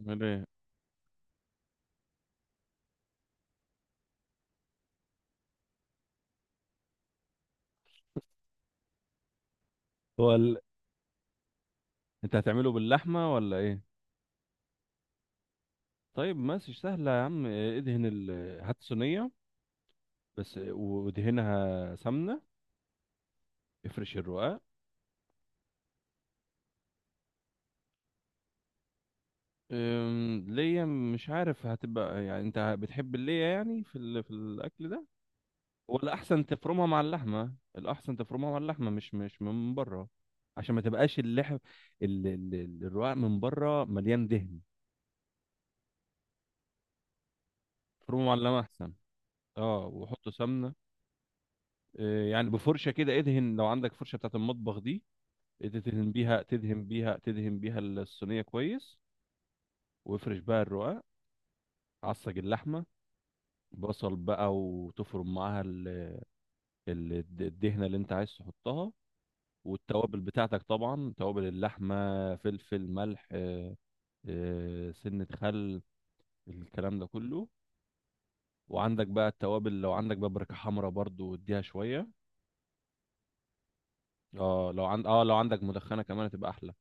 أعمل ايه؟ هو ال... انت هتعمله باللحمه ولا ايه؟ طيب ماشي سهله يا عم، ادهن هات صينيه، بس وادهنها سمنه. افرش الرقاق. ليا مش عارف هتبقى، يعني انت بتحب الليا يعني في في الاكل ده. ولا احسن تفرمها مع اللحمه، الاحسن تفرمها مع اللحمه مش من بره، عشان ما تبقاش اللحم، الرقاق من بره مليان دهن. تفرمه مع اللحمه احسن. اه وحط سمنه. يعني بفرشه كده، ادهن لو عندك فرشه بتاعت المطبخ دي. تدهن بيها الصينيه كويس، وافرش بقى الرقاق. عصج اللحمه، بصل بقى وتفرم معاها الدهنه اللي انت عايز تحطها، والتوابل بتاعتك طبعا، توابل اللحمه، فلفل ملح، سنه خل، الكلام ده كله. وعندك بقى التوابل، لو عندك بابريكا حمرا برضو اديها شويه. اه، لو عندك مدخنه كمان هتبقى احلى.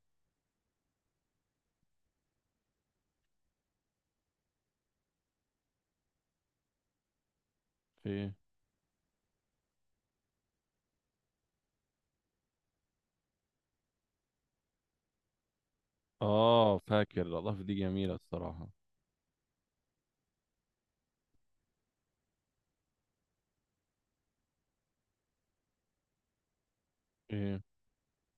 ايه؟ اه فاكر، الاضافه دي جميله الصراحه. ايه؟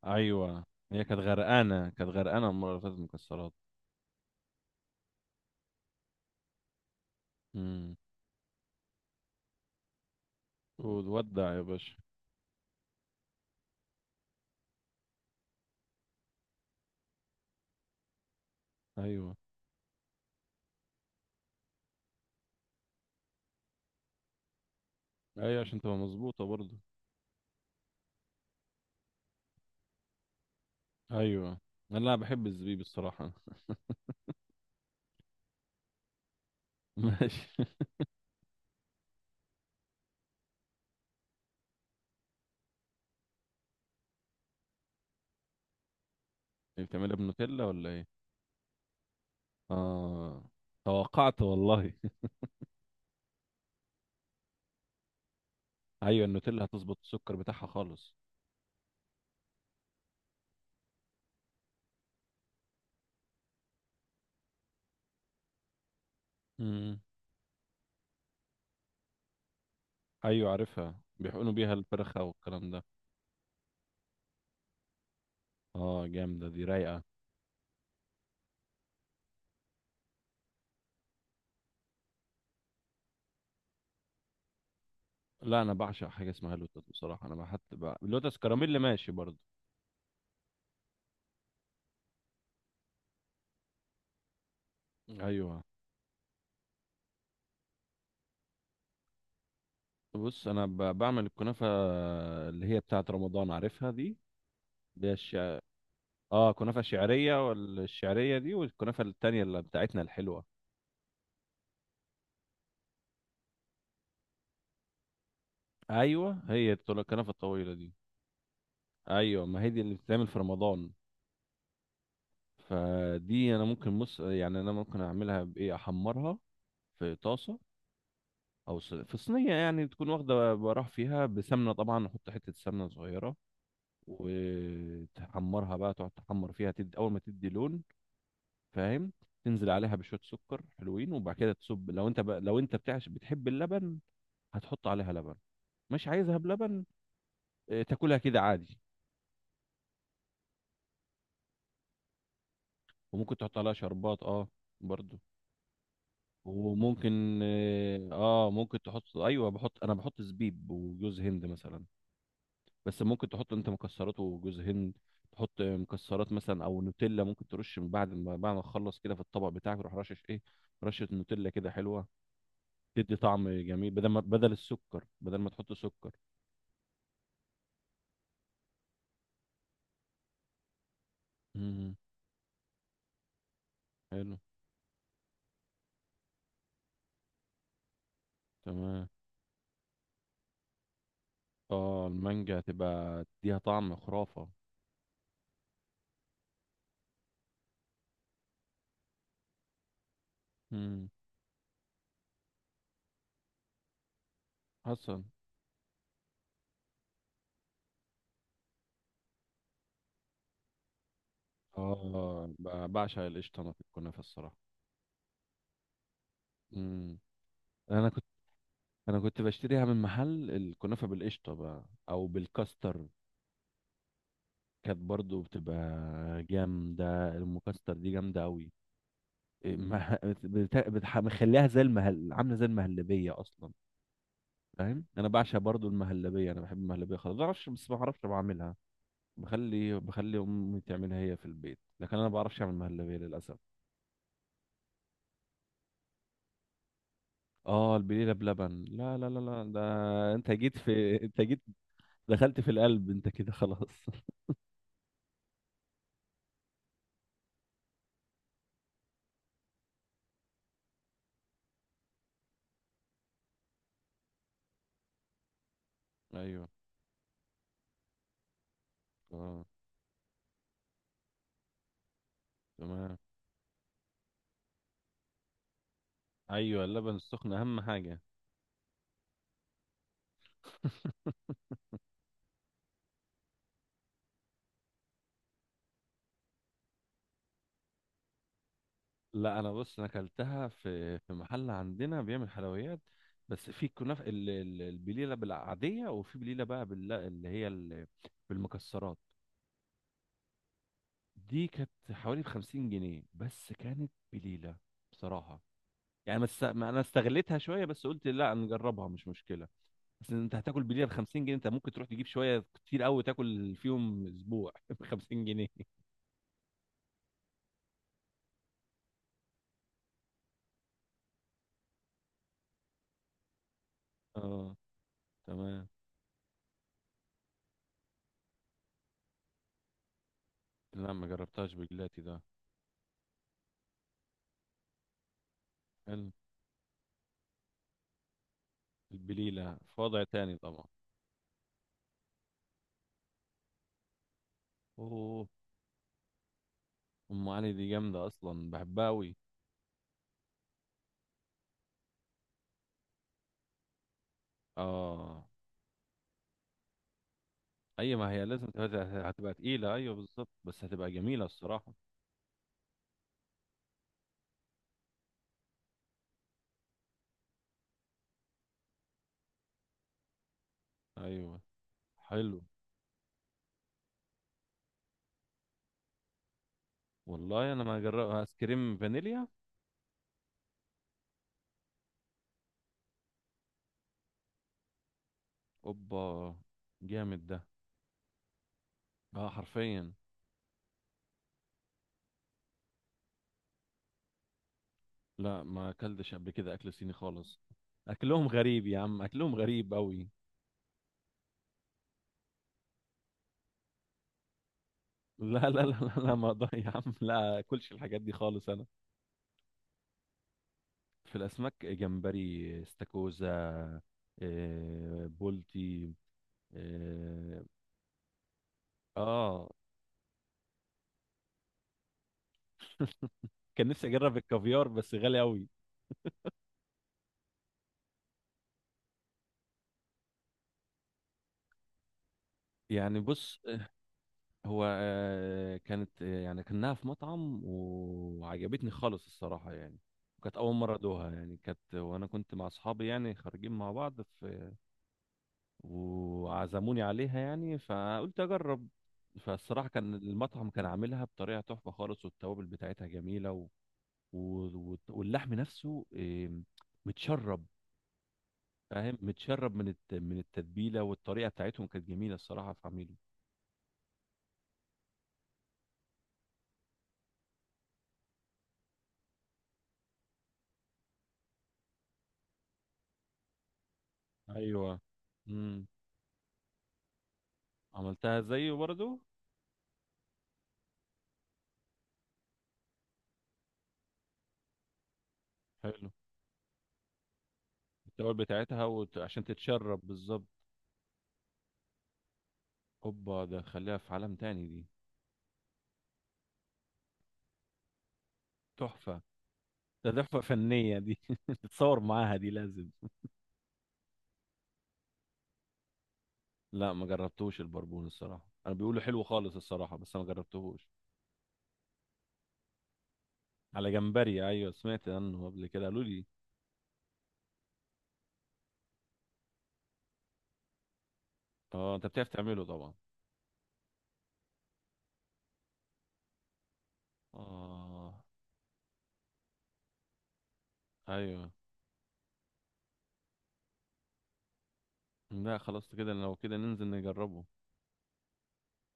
ايوه، هي كانت غرقانه، كانت غرقانه المره اللي فاتت مكسرات. امم وتودع يا باشا. ايوه، ايوه، عشان تبقى مظبوطه برضو. ايوه. لا، انا بحب الزبيب الصراحه. ماشي. إيه، بتعملها بنوتيلا ولا ايه؟ اه توقعت والله. ايوه، النوتيلا هتظبط السكر بتاعها خالص. امم. ايوه عارفها، بيحقنوا بيها الفرخه والكلام ده. اه جامده دي، رايقه. لا، انا بعشق حاجه اسمها لوتس بصراحه، انا حتى لوتس كراميل ماشي برضه. ايوه. بص، انا بعمل الكنافه اللي هي بتاعه رمضان، عارفها دي. اللي هي الشع... اه كنافه شعريه، والشعريه دي، والكنافه التانية اللي بتاعتنا الحلوه. ايوه، هي الكنافه الطويله دي. ايوه، ما هي دي اللي بتتعمل في رمضان. فدي انا ممكن يعني انا ممكن اعملها بايه، احمرها في طاسه، او في صينيه، يعني تكون واخده براح فيها، بسمنه طبعا، احط حته سمنه صغيره. وتحمرها بقى، تقعد تحمر فيها، تدي اول ما تدي لون، فاهم. تنزل عليها بشويه سكر حلوين، وبعد كده تصب، لو انت بتعش بتحب اللبن هتحط عليها لبن. مش عايزها بلبن، تاكلها كده عادي. وممكن تحط عليها شربات، اه، برضو. وممكن ممكن تحط، ايوه بحط، انا بحط زبيب وجوز هند مثلا. بس ممكن تحط انت مكسرات وجوز هند، تحط مكسرات مثلا، او نوتيلا ممكن ترش من بعد ما تخلص كده، في الطبق بتاعك تروح رشش ايه، رشة نوتيلا كده حلوة. تدي طعم جميل، بدل السكر، بدل ما تحط سكر. امم. حلو. تمام. اه، المانجا تبقى تديها طعم خرافة. امم. حسن. اه، بعشق القشطة انا في الكنافة الصراحة. امم. انا كنت انا كنت بشتريها من محل الكنافة بالقشطة بقى، او بالكاستر. كانت برضو بتبقى جامدة، المكسر دي جامدة أوي. إيه، مه- مخليها زي المهل، عاملة زي المهلبية أصلا. فاهم، أنا بعشق برضو المهلبية، أنا بحب المهلبية خالص، ما بعرفش، بس ما بعرفش بعملها. بخلي أمي تعملها هي في البيت، لكن أنا ما بعرفش أعمل مهلبية للأسف. آه البليلة بلبن، لا لا لا لا، ده أنت جيت في أنت جيت، دخلت في القلب أنت كده، خلاص. أيوه. آه. تمام. أيوه، اللبن السخن أهم حاجة. لا، انا بص، انا اكلتها في محل عندنا بيعمل حلويات. بس في كنافه البليله بالعاديه، وفي بليله بقى بالمكسرات. دي كانت حوالي ب 50 جنيه، بس كانت بليله بصراحه. يعني بس ما انا استغليتها شويه، بس قلت لا، نجربها مش مشكله. بس انت هتاكل بليله ب 50 جنيه؟ انت ممكن تروح تجيب شويه كتير قوي تاكل فيهم اسبوع ب 50 جنيه. اه تمام. لا، ما جربتهاش بجلاتي ده. حلو. البليله في وضع تاني طبعا. اوه. ام علي دي جامده اصلا، بحبها قوي. اه. اي، ما هي لازم تبقى، هتبقى تقيله، ايوه بالظبط، بس هتبقى جميله الصراحه. ايوه. حلو. والله انا ما جرب ايس كريم فانيليا. اوبا، جامد ده. اه حرفيا. لا، ما اكلتش قبل كده اكل صيني خالص. اكلهم غريب يا عم، اكلهم غريب قوي. لا لا لا لا لا، ما اقدر يا عم، لا اكلش الحاجات دي خالص انا. في الاسماك جمبري، استاكوزا، بولتي. اه آه، كان نفسي اجرب الكافيار، بس غالي قوي. يعني بص، هو كانت، يعني كانها في مطعم وعجبتني خالص الصراحة، يعني كانت أول مرة أدوها، يعني كانت، وأنا كنت مع أصحابي يعني خارجين مع بعض في، وعزموني عليها يعني فقلت أجرب. فالصراحة كان المطعم كان عاملها بطريقة تحفة خالص، والتوابل بتاعتها جميلة، واللحم نفسه متشرب. فاهم متشرب من من التتبيله، والطريقه بتاعتهم كانت جميله الصراحه في عميله. ايوه. امم. عملتها زيه برضه. حلو. التوابل بتاعتها عشان تتشرب بالظبط. اوبا، ده خليها في عالم تاني دي. تحفه. ده تحفه فنيه دي. تتصور معاها دي، لازم. لا ما جربتوش البربون الصراحه، انا بيقولوا حلو خالص الصراحه، بس انا ما جربتهوش. على جمبري، ايوه سمعت عنه قبل كده قالوا لي. اه، انت بتعرف تعمله طبعا. اه. ايوه. لا خلاص، كده لو كده ننزل نجربه.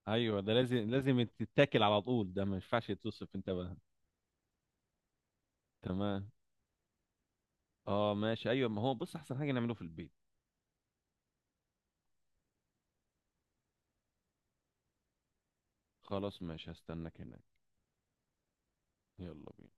ايوه، ده لازم، لازم تتاكل على طول، ده ما ينفعش يتوصف انت بقى. تمام. اه ماشي، ايوه، ما هو بص احسن حاجه نعمله في البيت. خلاص ماشي، هستناك هناك. يلا بينا.